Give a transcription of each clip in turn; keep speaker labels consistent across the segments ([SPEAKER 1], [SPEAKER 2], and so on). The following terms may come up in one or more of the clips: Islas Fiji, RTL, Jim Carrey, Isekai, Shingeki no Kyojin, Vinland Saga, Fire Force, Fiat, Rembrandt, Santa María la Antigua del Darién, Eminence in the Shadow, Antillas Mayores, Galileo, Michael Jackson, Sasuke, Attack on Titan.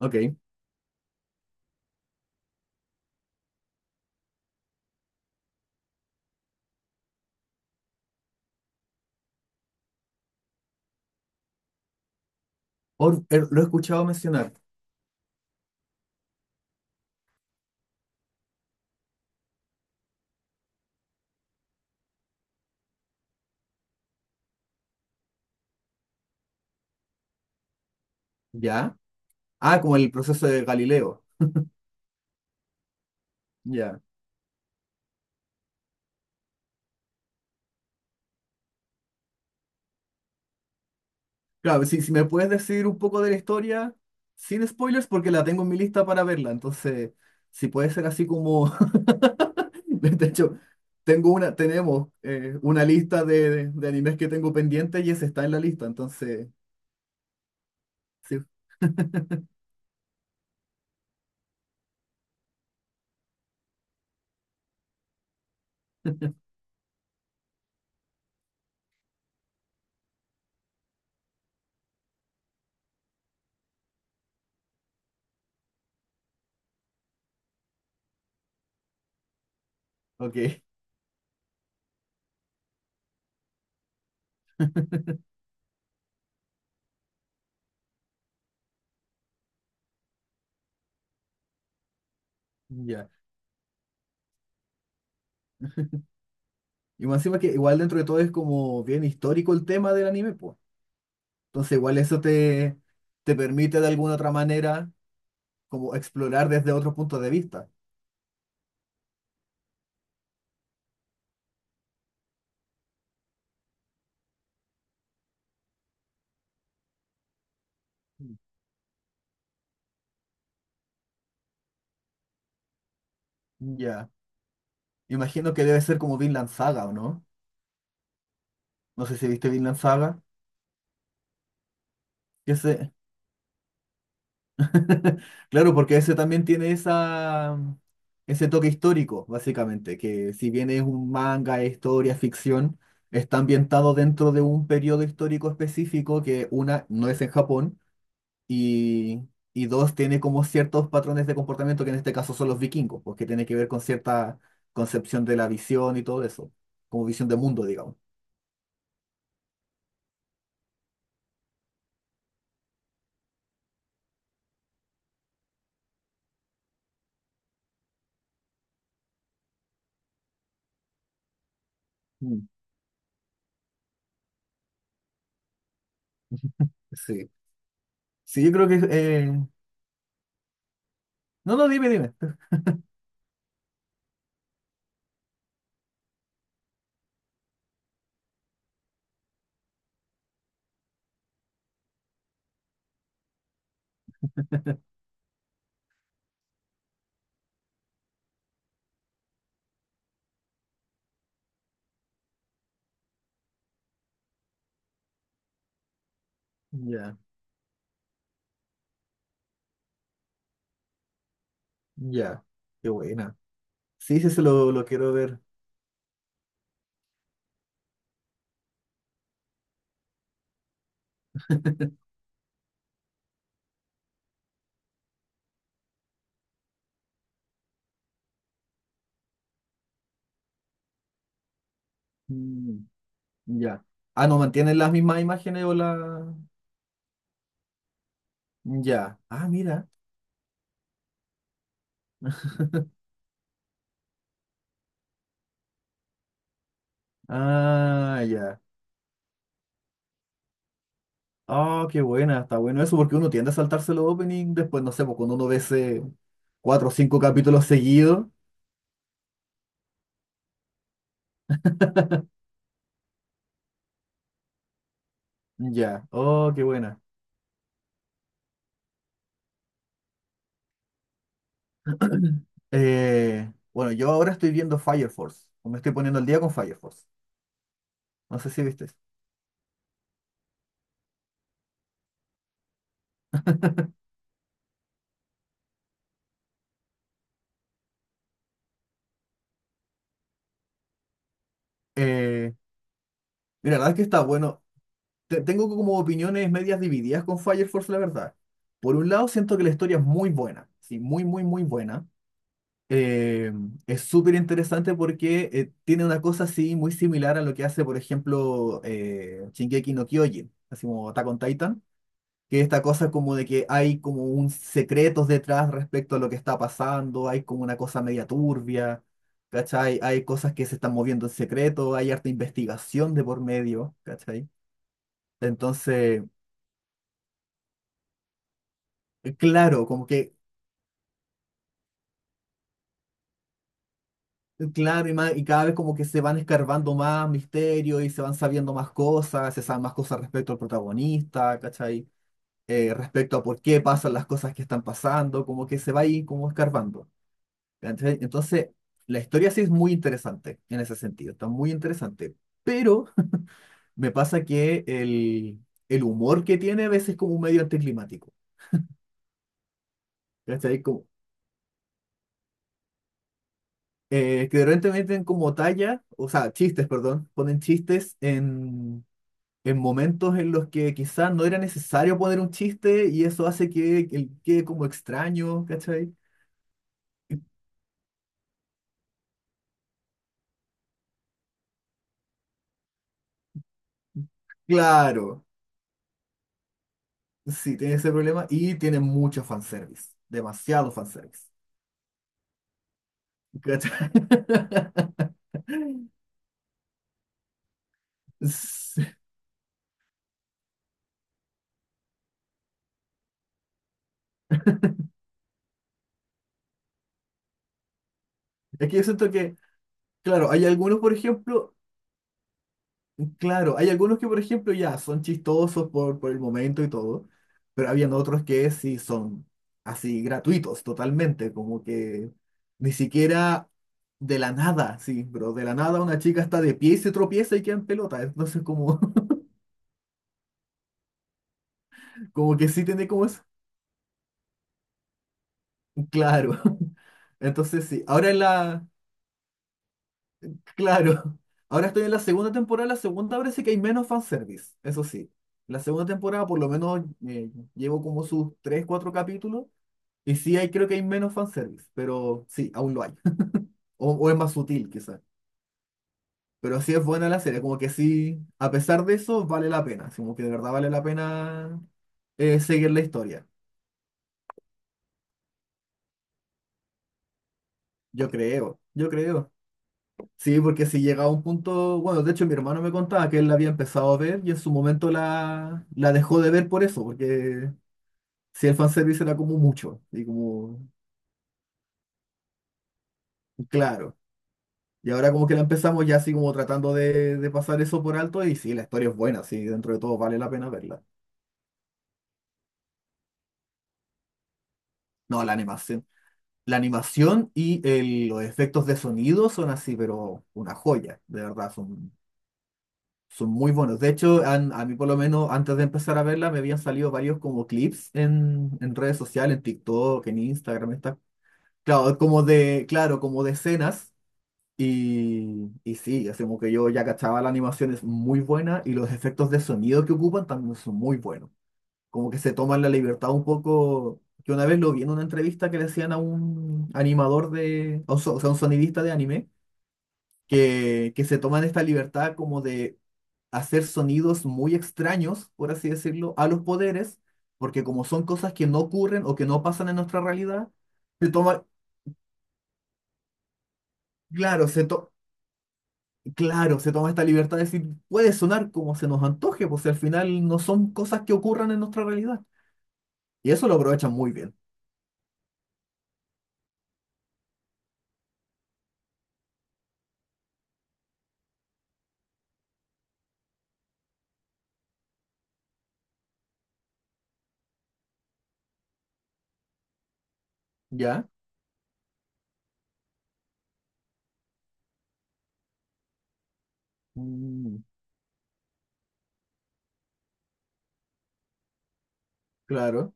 [SPEAKER 1] Ok. Lo he escuchado mencionar. ¿Ya? Ah, como el proceso de Galileo. Ya. Claro, si me puedes decir un poco de la historia, sin spoilers, porque la tengo en mi lista para verla. Entonces, si puede ser así como. De hecho, tengo tenemos una lista de animes que tengo pendiente y ese está en la lista. Entonces, sí. Ok. Ya. Y más encima que igual dentro de todo es como bien histórico el tema del anime, pues. Entonces, igual te permite de alguna otra manera como explorar desde otro punto de vista. Ya. Imagino que debe ser como Vinland Saga, ¿o no? No sé si viste Vinland Saga. Ese... Claro, porque ese también tiene ese toque histórico, básicamente, que si bien es un manga, es historia, ficción, está ambientado dentro de un periodo histórico específico que una no es en Japón y, y dos, tiene como ciertos patrones de comportamiento que en este caso son los vikingos, porque tiene que ver con cierta concepción de la visión y todo eso, como visión de mundo, digamos. Mm, sí, sí, yo creo que... No, no, dime, dime. Ya, ya, qué buena. Sí, sí, lo quiero ver. Mm, ya. Ah, no, ¿mantienen las mismas imágenes o la...? Ya. Ah, mira. Ah, ya. Ah, qué buena, está bueno eso, porque uno tiende a saltarse los opening después, no sé, pues cuando uno no ve ese, cuatro o cinco capítulos seguidos. Ya. Oh, qué buena. Bueno, yo ahora estoy viendo Fire Force. O me estoy poniendo al día con Fire Force. No sé si viste. Eh, Mira, la verdad es que está bueno. Tengo como opiniones medias divididas con Fire Force, la verdad. Por un lado, siento que la historia es muy buena. Sí, muy buena. Eh, es súper interesante porque tiene una cosa así muy similar a lo que hace, por ejemplo, Shingeki no Kyojin, así como Attack on Titan, que esta cosa como de que hay como un secretos detrás respecto a lo que está pasando, hay como una cosa media turbia, ¿cachai? Hay cosas que se están moviendo en secreto, hay harta investigación de por medio, ¿cachai? Entonces, claro, claro, y cada vez como que se van escarbando más misterios y se van sabiendo más cosas, se saben más cosas respecto al protagonista, ¿cachai? Respecto a por qué pasan las cosas que están pasando, como que se va ahí como escarbando. ¿Cachai? Entonces, la historia sí es muy interesante en ese sentido, está muy interesante, pero me pasa que el humor que tiene a veces es como un medio anticlimático, ¿cachai? Como, que de repente meten como talla, o sea, chistes, perdón, ponen chistes en momentos en los que quizás no era necesario poner un chiste y eso hace que quede como extraño, ¿cachai? Claro, sí, tiene ese problema y tiene mucho fanservice, demasiado fanservice. ¿Cachai? Sí. Es que yo siento que, claro, hay algunos, por ejemplo, claro, hay algunos que, por ejemplo, ya son chistosos por el momento y todo, pero habían otros que sí son así gratuitos totalmente, como que ni siquiera de la nada, sí, pero de la nada una chica está de pie y se tropieza y queda en pelota, entonces como, como que sí tiene como eso, claro. Entonces sí, ahora en la... Claro, ahora estoy en la segunda temporada. La segunda parece que hay menos fanservice, eso sí. La segunda temporada, por lo menos, eh, llevo como sus 3 4 capítulos. Y sí, hay, creo que hay menos fanservice, pero sí, aún lo hay. O, o es más sutil, quizás. Pero sí es buena la serie, como que sí, a pesar de eso, vale la pena. Así como que de verdad vale la pena seguir la historia. Yo creo, yo creo. Sí, porque si llega a un punto, bueno, de hecho mi hermano me contaba que él la había empezado a ver y en su momento la dejó de ver por eso, porque si el fanservice era como mucho, y como, claro. Y ahora como que la empezamos ya así como tratando de pasar eso por alto y sí, la historia es buena, sí, dentro de todo vale la pena verla. No, la animación. La animación y los efectos de sonido son así, pero una joya, de verdad, son son muy buenos. De hecho, a mí por lo menos antes de empezar a verla me habían salido varios como clips en redes sociales, en TikTok, en Instagram, está. Claro, es como de, claro, como de escenas. Y sí, así como que yo ya cachaba la animación es muy buena y los efectos de sonido que ocupan también son muy buenos. Como que se toman la libertad un poco, que una vez lo vi en una entrevista que le hacían a un animador de, a un o sea, un sonidista de anime que se toman esta libertad como de hacer sonidos muy extraños, por así decirlo, a los poderes, porque como son cosas que no ocurren o que no pasan en nuestra realidad, se toma, claro, claro, se toma esta libertad de decir, puede sonar como se nos antoje, pues si al final no son cosas que ocurran en nuestra realidad. Y eso lo aprovechan muy bien, ¿ya? Mm, claro.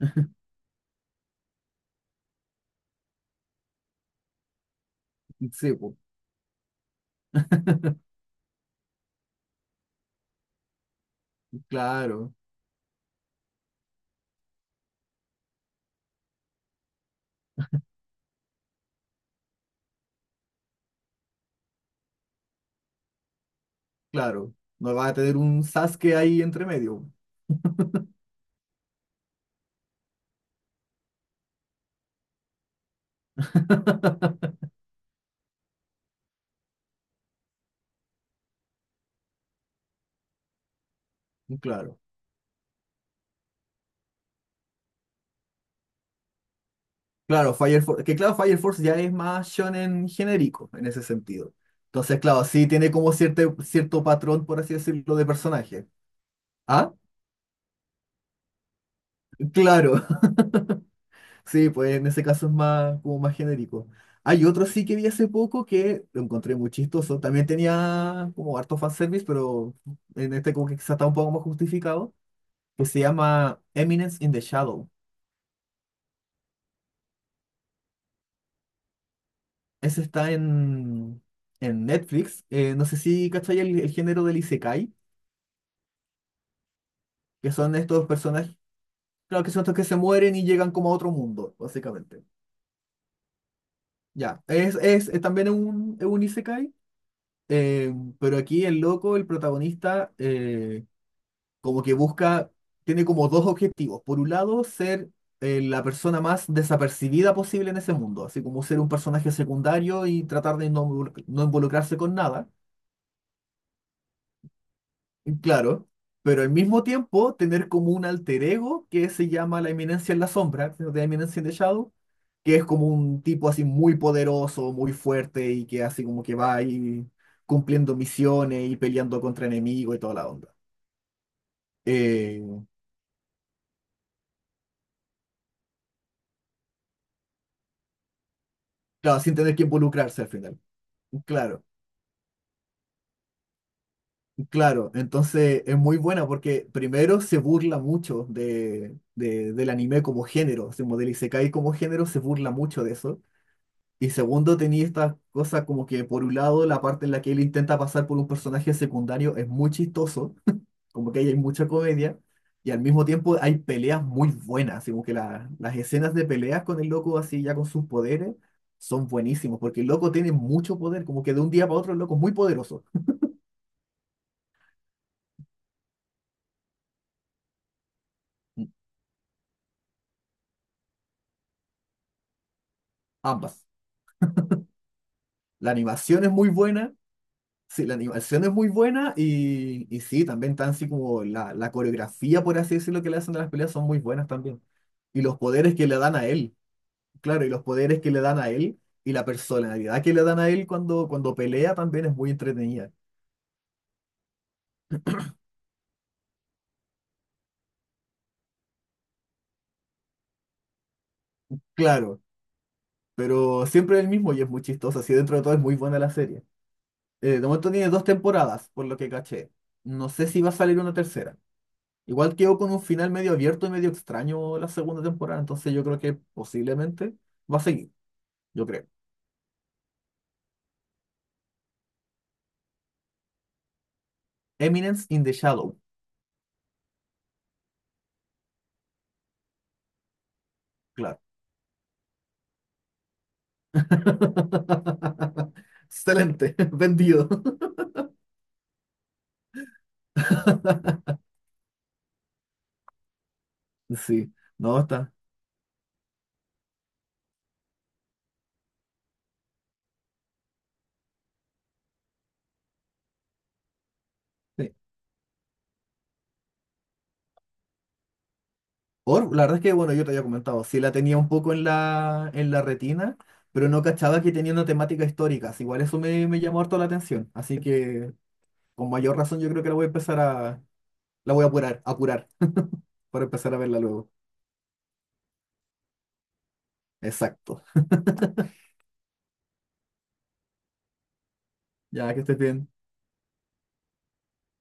[SPEAKER 1] Sí, pues, claro, claro. No va a tener un Sasuke ahí entre medio, pues, claro. Claro, Fire Force, que claro, Fire Force ya es más shonen genérico en ese sentido. Entonces, claro, sí tiene como cierto, cierto patrón, por así decirlo, de personaje. Ah, claro, sí, pues en ese caso es más, como más genérico. Hay otro sí que vi hace poco que lo encontré muy chistoso. También tenía como harto fanservice, pero en este como que quizá está un poco más justificado, que se llama Eminence in the Shadow. Ese está en, en Netflix. No sé si cachai el género del Isekai, que son estos personajes. Claro, que son estos que se mueren y llegan como a otro mundo, básicamente. Ya, es también es un isekai, eh, pero aquí el loco, el protagonista, como que busca, tiene como dos objetivos. Por un lado, ser la persona más desapercibida posible en ese mundo, así como ser un personaje secundario y tratar de no involucrarse con nada. Claro, pero al mismo tiempo tener como un alter ego que se llama la eminencia en la sombra, de la eminencia en the shadow, que es como un tipo así muy poderoso, muy fuerte y que así como que va ahí cumpliendo misiones y peleando contra enemigos y toda la onda. Eh, claro, sin tener que involucrarse al final. Claro, claro. Entonces es muy buena porque primero se burla mucho del anime como género, así como del isekai como género, se burla mucho de eso. Y segundo, tenía esta cosa como que por un lado la parte en la que él intenta pasar por un personaje secundario es muy chistoso, como que ahí hay mucha comedia, y al mismo tiempo hay peleas muy buenas, así como que las escenas de peleas con el loco así ya con sus poderes son buenísimos, porque el loco tiene mucho poder, como que de un día para otro el loco es muy poderoso, ambas. La animación es muy buena. Sí, la animación es muy buena y sí, también tan así como la coreografía, por así decirlo, que le hacen de las peleas son muy buenas también. Y los poderes que le dan a él, claro, y los poderes que le dan a él y la personalidad que le dan a él cuando pelea también es muy entretenida. Claro, pero siempre es el mismo y es muy chistoso, así dentro de todo es muy buena la serie. De momento tiene dos temporadas, por lo que caché. No sé si va a salir una tercera. Igual quedó con un final medio abierto y medio extraño la segunda temporada, entonces yo creo que posiblemente va a seguir. Yo creo. Eminence in the Shadow, claro. Excelente, vendido. Sí, no, está. Sí. Or, la verdad es que, bueno, yo te había comentado, sí la tenía un poco en la retina, pero no cachaba que tenía una temática histórica. Así igual me llamó harto la atención. Así que, con mayor razón, yo creo que la voy a empezar a. La voy a apurar, para empezar a verla luego. Exacto. Ya que estés bien.